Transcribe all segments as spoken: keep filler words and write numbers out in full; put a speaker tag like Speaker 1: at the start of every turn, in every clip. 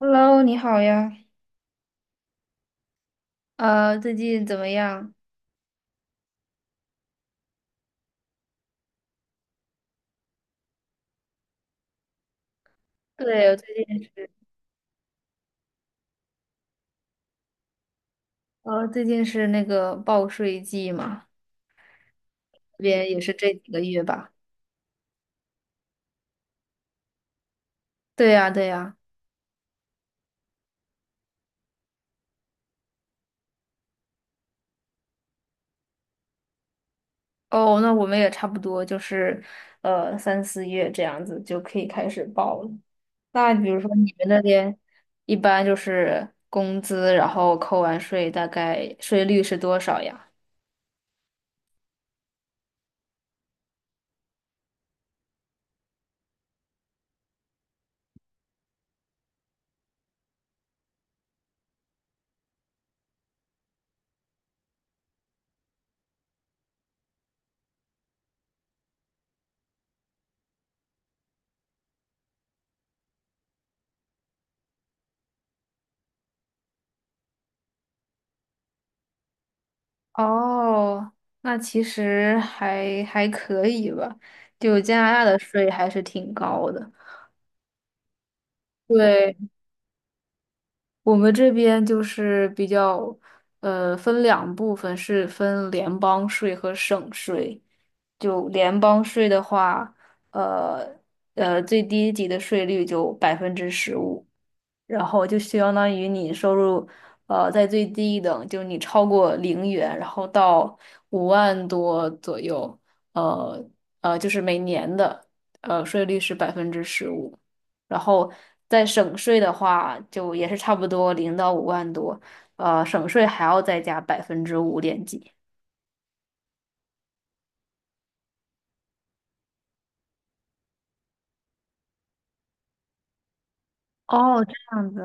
Speaker 1: Hello，你好呀。呃，最近怎么样？对，我最近是，呃，最近是那个报税季嘛，这边也是这几个月吧。对呀，对呀。哦，那我们也差不多，就是呃三四月这样子就可以开始报了。那比如说你们那边一般就是工资，然后扣完税，大概税率是多少呀？哦，那其实还还可以吧，就加拿大的税还是挺高的。对，我们这边就是比较，呃，分两部分，是分联邦税和省税。就联邦税的话，呃呃，最低级的税率就百分之十五，然后就相当于你收入，呃，在最低等，就你超过零元，然后到五万多左右，呃呃，就是每年的呃税率是百分之十五，然后在省税的话，就也是差不多零到五万多，呃，省税还要再加百分之五点几。哦，这样子，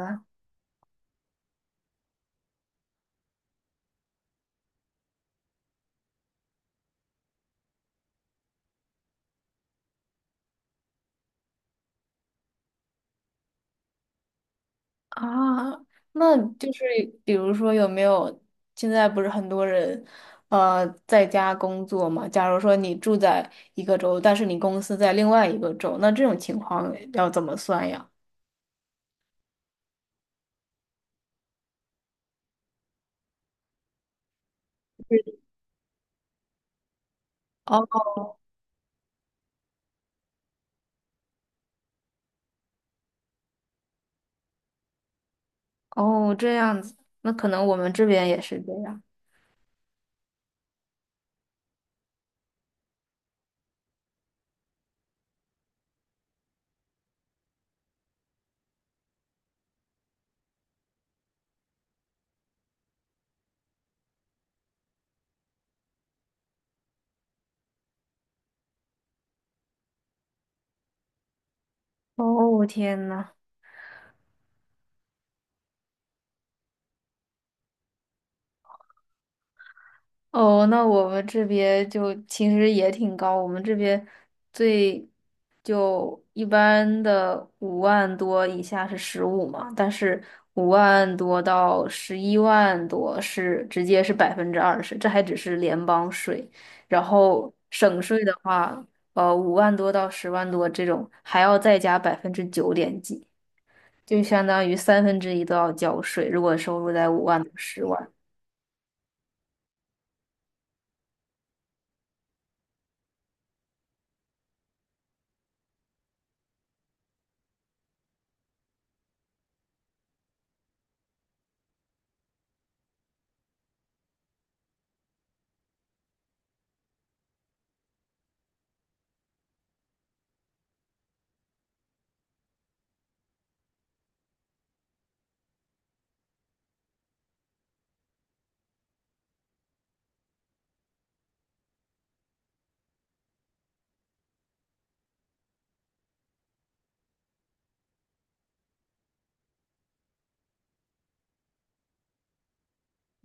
Speaker 1: 啊，那就是比如说有没有现在不是很多人，呃，在家工作嘛？假如说你住在一个州，但是你公司在另外一个州，那这种情况要怎么算呀？哦哦，这样子，那可能我们这边也是这样。哦，天呐。哦，那我们这边就其实也挺高，我们这边最就一般的五万多以下是十五嘛，但是五万多到十一万多是直接是百分之二十，这还只是联邦税，然后省税的话，呃，五万多到十万多这种还要再加百分之九点几，就相当于三分之一都要交税，如果收入在五万到十万。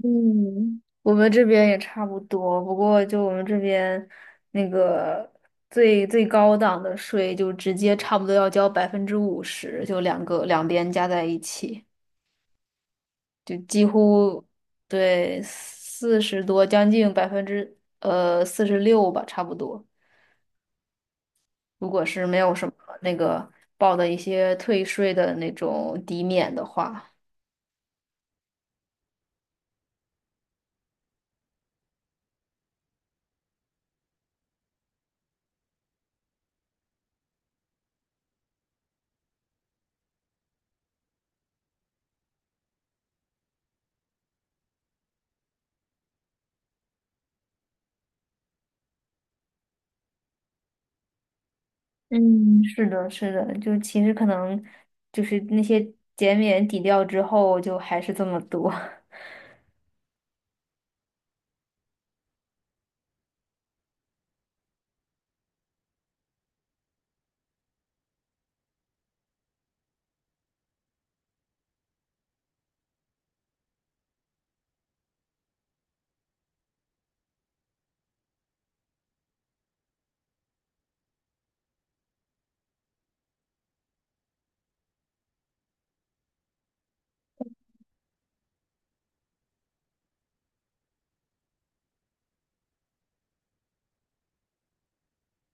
Speaker 1: 嗯，我们这边也差不多，不过就我们这边那个最最高档的税，就直接差不多要交百分之五十，就两个两边加在一起，就几乎对四十多，将近百分之呃四十六吧，差不多。如果是没有什么那个报的一些退税的那种抵免的话。嗯，是的，是的，就其实可能就是那些减免抵掉之后，就还是这么多，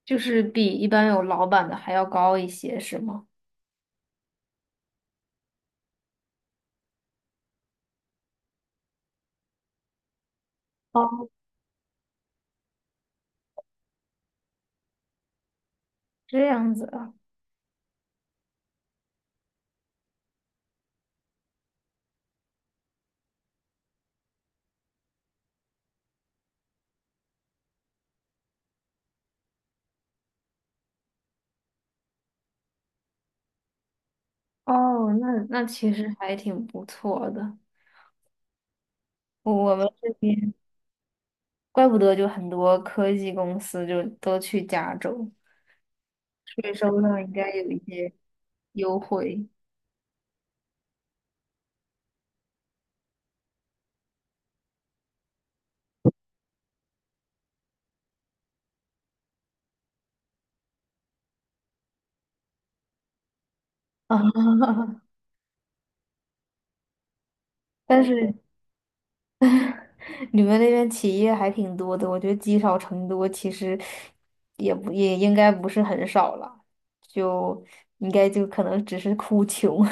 Speaker 1: 就是比一般有老板的还要高一些，是吗？哦，这样子啊，哦，那那其实还挺不错的。我们这边怪不得就很多科技公司就都去加州，税收上应该有一些优惠 啊，但是你们那边企业还挺多的，我觉得积少成多，其实也不也应该不是很少了，就应该就可能只是哭穷。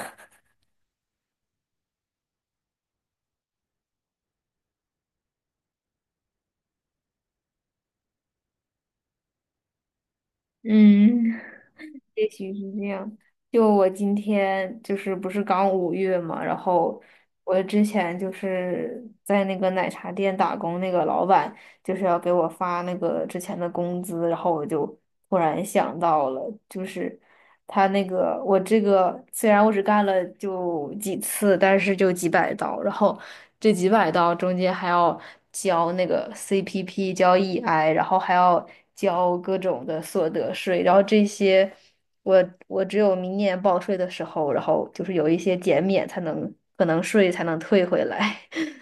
Speaker 1: 嗯。也许是这样。就我今天就是不是刚五月嘛，然后我之前就是在那个奶茶店打工，那个老板就是要给我发那个之前的工资，然后我就突然想到了，就是他那个我这个虽然我只干了就几次，但是就几百刀，然后这几百刀中间还要交那个 C P P，交 E I，然后还要交各种的所得税，然后这些。我我只有明年报税的时候，然后就是有一些减免才能，可能税才能退回来。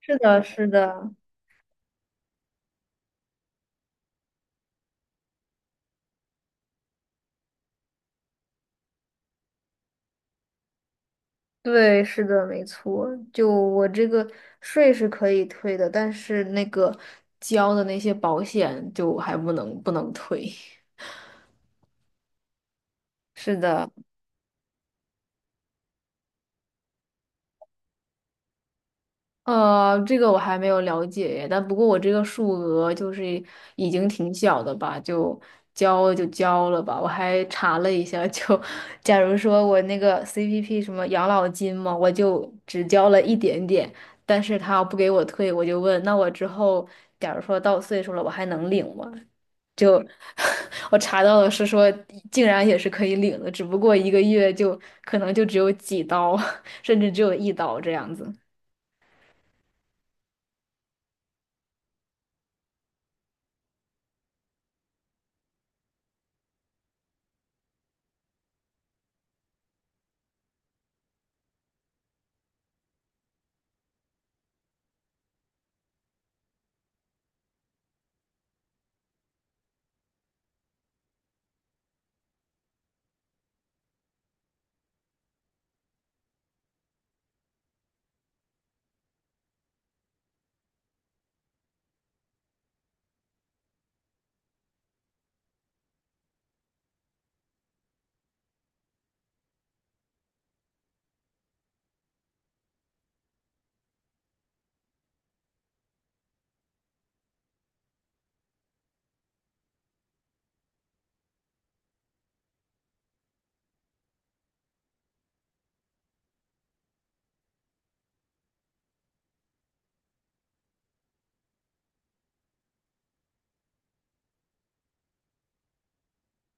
Speaker 1: 是的，是的，对，是的，没错。就我这个税是可以退的，但是那个交的那些保险就还不能不能退。是的。呃，这个我还没有了解耶，但不过我这个数额就是已经挺小的吧，就交了就交了吧。我还查了一下，就假如说我那个 C P P 什么养老金嘛，我就只交了一点点，但是他不给我退，我就问，那我之后假如说到岁数了，我还能领吗？就 我查到的是说，竟然也是可以领的，只不过一个月就可能就只有几刀，甚至只有一刀这样子。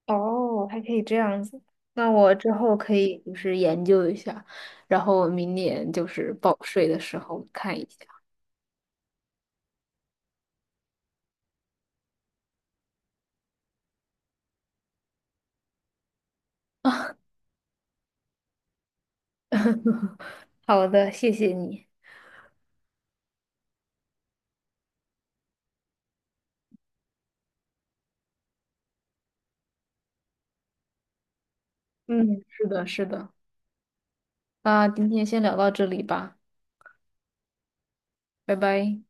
Speaker 1: 哦，还可以这样子。那我之后可以就是研究一下，然后我明年就是报税的时候看一下。好的，谢谢你。嗯，是的，是的。那今天先聊到这里吧，拜拜。